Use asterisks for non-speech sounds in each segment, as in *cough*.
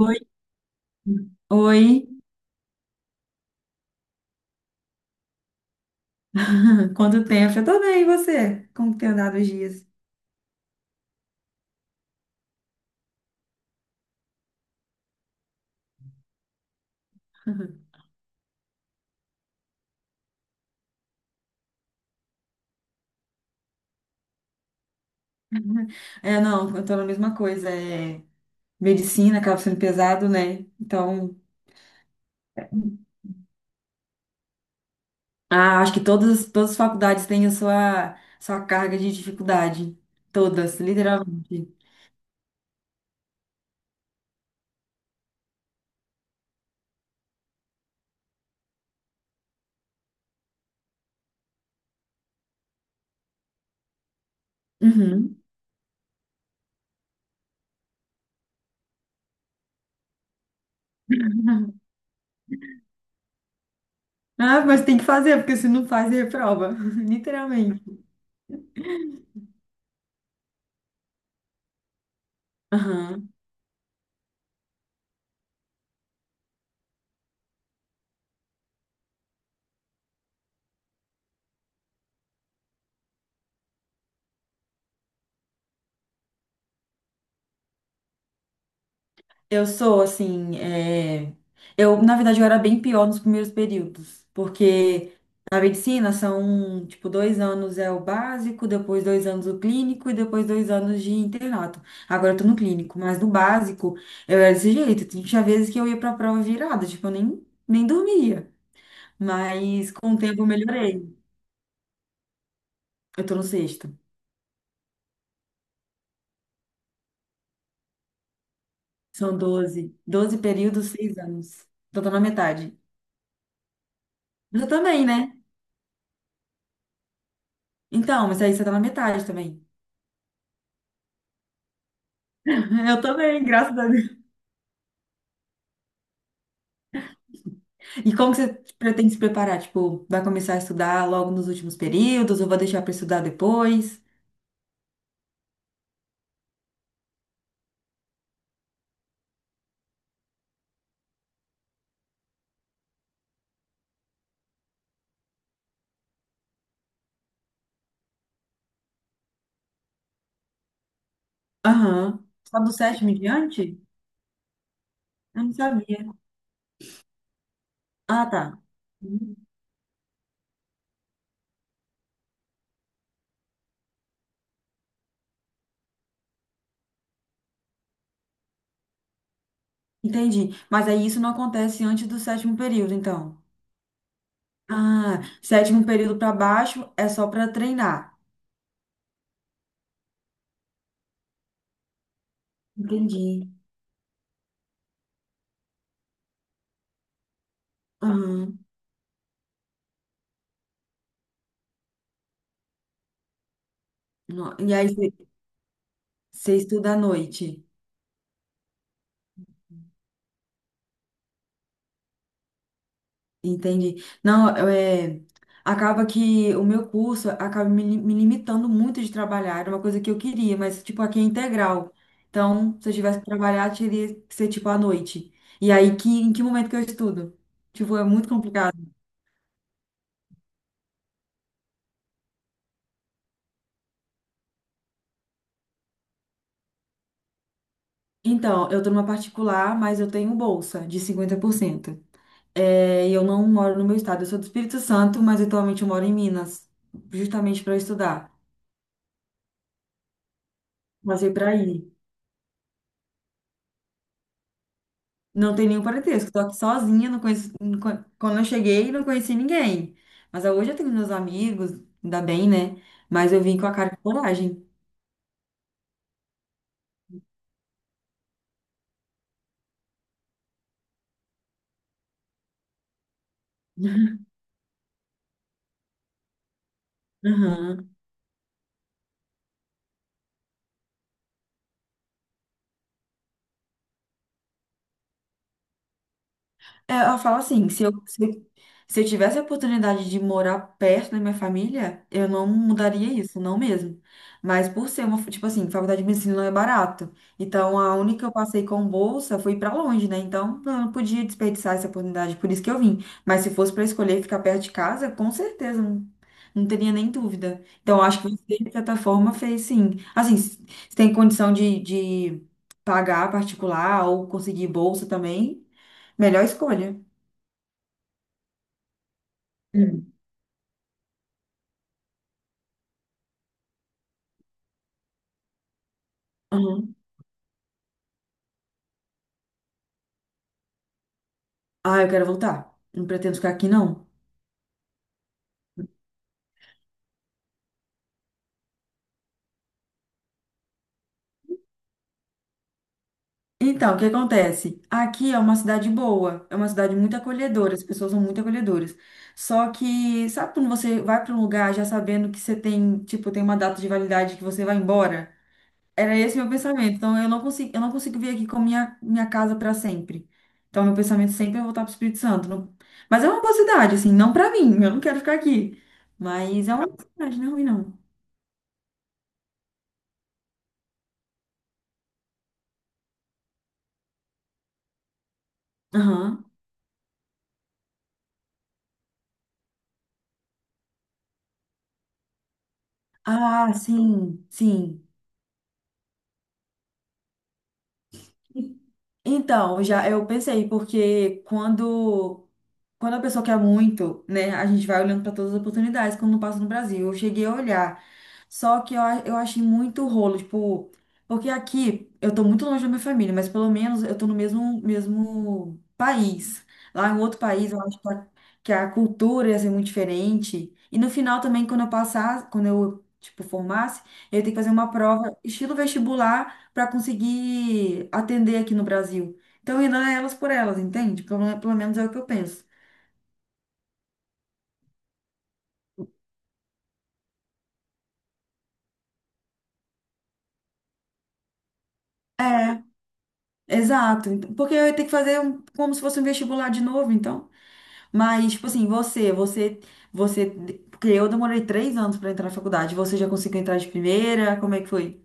Oi, oi. *laughs* Quanto tempo? Eu tô bem, e você? Como que tem andado os dias? *laughs* É, não, eu tô na mesma coisa, é medicina acaba sendo pesado, né? Então, ah, acho que todas as faculdades têm a sua carga de dificuldade, todas, literalmente. Uhum. *laughs* Ah, mas tem que fazer, porque se não faz, reprova, *laughs* literalmente. Eu sou, assim, é, eu, na verdade, eu era bem pior nos primeiros períodos, porque na medicina são, tipo, 2 anos é o básico, depois 2 anos o clínico e depois 2 anos de internato. Agora eu tô no clínico, mas no básico eu era desse jeito. Tinha vezes que eu ia pra prova virada, tipo, eu nem dormia, mas com o tempo eu melhorei. Eu tô no sexto. São doze períodos, 6 anos. Então tô na metade. Você também, né? Então, mas aí você tá na metade também. *laughs* Eu também, graças a Deus. E como que você pretende se preparar? Tipo, vai começar a estudar logo nos últimos períodos ou vai deixar para estudar depois? Aham. Só do sétimo em diante? Eu não sabia. Ah, tá. Uhum. Entendi. Mas aí isso não acontece antes do sétimo período, então. Ah, sétimo período para baixo é só para treinar. Entendi. Aham. E aí você estuda à noite? Entendi. Não, eu, acaba que o meu curso acaba me limitando muito de trabalhar. Era uma coisa que eu queria, mas, tipo, aqui é integral. Então, se eu tivesse que trabalhar, teria que ser, tipo, à noite. E aí, em que momento que eu estudo? Tipo, é muito complicado. Então, eu tô numa particular, mas eu tenho bolsa de 50%. É, e eu não moro no meu estado. Eu sou do Espírito Santo, mas atualmente eu moro em Minas, justamente para estudar. Passei para aí. Não tem nenhum parentesco. Estou aqui sozinha, não conheço, não con- quando eu cheguei, não conheci ninguém. Mas hoje eu tenho meus amigos, ainda bem, né? Mas eu vim com a cara de coragem. Aham. É, ela fala assim, se eu tivesse a oportunidade de morar perto da minha família, eu não mudaria isso, não mesmo. Mas por ser uma, tipo assim, faculdade de medicina não é barato. Então, a única que eu passei com bolsa foi pra longe, né? Então, eu não podia desperdiçar essa oportunidade, por isso que eu vim. Mas se fosse pra escolher ficar perto de casa, com certeza, não, não teria nem dúvida. Então, eu acho que você, de certa forma, fez sim. Assim, se tem condição de pagar particular ou conseguir bolsa também, melhor escolha. Hum, aham. Ah, eu quero voltar. Não pretendo ficar aqui, não. Então, o que acontece? Aqui é uma cidade boa, é uma cidade muito acolhedora, as pessoas são muito acolhedoras. Só que, sabe quando você vai para um lugar já sabendo que você tem, tipo, tem uma data de validade que você vai embora? Era esse meu pensamento. Então, eu não consigo vir aqui com minha casa para sempre. Então, meu pensamento sempre é voltar para o Espírito Santo. Mas é uma boa cidade, assim, não para mim, eu não quero ficar aqui. Mas é uma boa cidade, não é ruim, não. Aham. Ah, sim, sim. Então, já eu pensei, porque quando a pessoa quer muito, né, a gente vai olhando para todas as oportunidades, como não passa no Brasil. Eu cheguei a olhar. Só que eu achei muito rolo, tipo, porque aqui eu tô muito longe da minha família, mas pelo menos eu tô no mesmo país. Lá em outro país, eu acho que a cultura ia ser muito diferente. E no final também, quando eu, tipo, formasse, eu ia ter que fazer uma prova estilo vestibular para conseguir atender aqui no Brasil. Então, ainda é elas por elas, entende? Pelo menos é o que eu penso. É, exato. Então, porque eu ia ter que fazer como se fosse um vestibular de novo, então. Mas, tipo assim, você. Porque eu demorei 3 anos para entrar na faculdade. Você já conseguiu entrar de primeira? Como é que foi?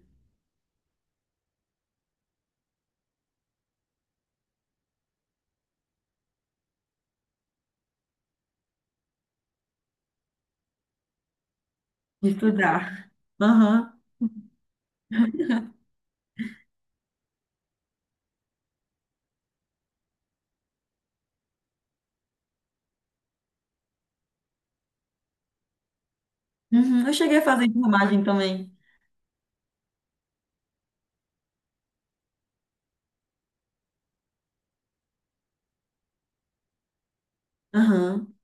Estudar. Aham. Uhum. Eu cheguei a fazer enfermagem também. Aham.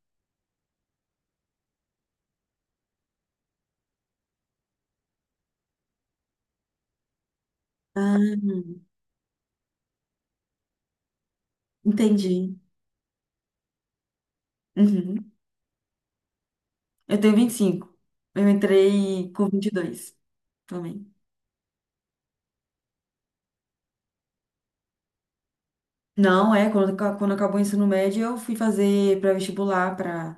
Ah, entendi. Uhum. Eu tenho 25. Eu entrei com 22 também. Não, quando acabou o ensino médio, eu fui fazer pré-vestibular para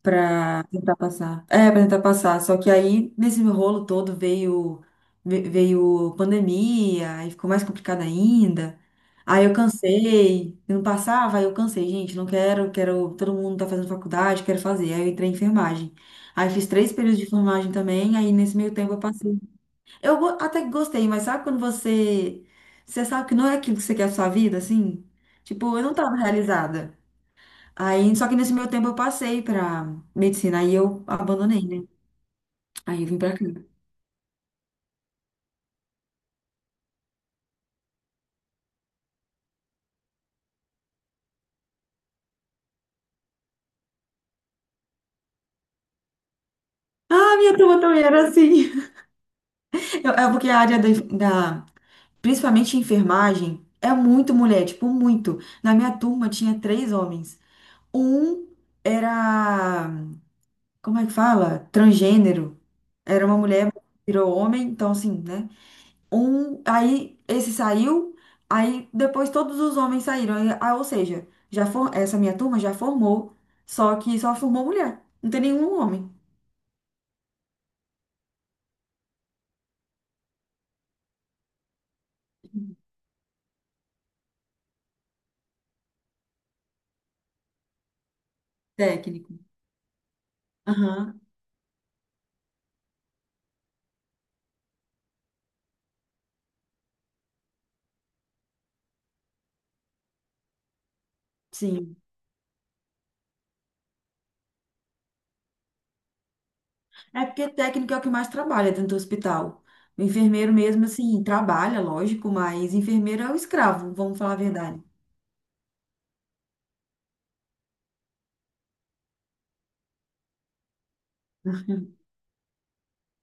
para tentar passar. É, para tentar passar. Só que aí, nesse rolo todo, veio pandemia, aí ficou mais complicado ainda. Aí eu cansei, eu não passava, aí eu cansei, gente, não quero, quero, todo mundo tá fazendo faculdade, quero fazer. Aí eu entrei em enfermagem. Aí fiz três períodos de enfermagem também, aí nesse meio tempo eu passei. Até que gostei, mas sabe quando você sabe que não é aquilo que você quer a sua vida, assim? Tipo, eu não tava realizada. Aí, só que nesse meu tempo eu passei pra medicina, aí eu abandonei, né? Aí eu vim pra cá. Ah, minha turma também era assim. *laughs* É porque a área da- principalmente enfermagem, é muito mulher, tipo, muito. Na minha turma tinha três homens. Um era, como é que fala? Transgênero. Era uma mulher, virou homem, então assim, né? Um, aí esse saiu, aí depois todos os homens saíram. Aí, ah, ou seja, essa minha turma já formou, só que só formou mulher. Não tem nenhum homem. Técnico. Aham, sim. É porque técnico é o que mais trabalha dentro do hospital. O enfermeiro mesmo, assim, trabalha, lógico, mas enfermeiro é o escravo, vamos falar a verdade.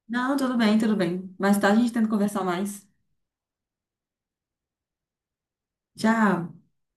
Não, tudo bem, tudo bem. Mais tarde a gente tenta conversar mais. Tchau.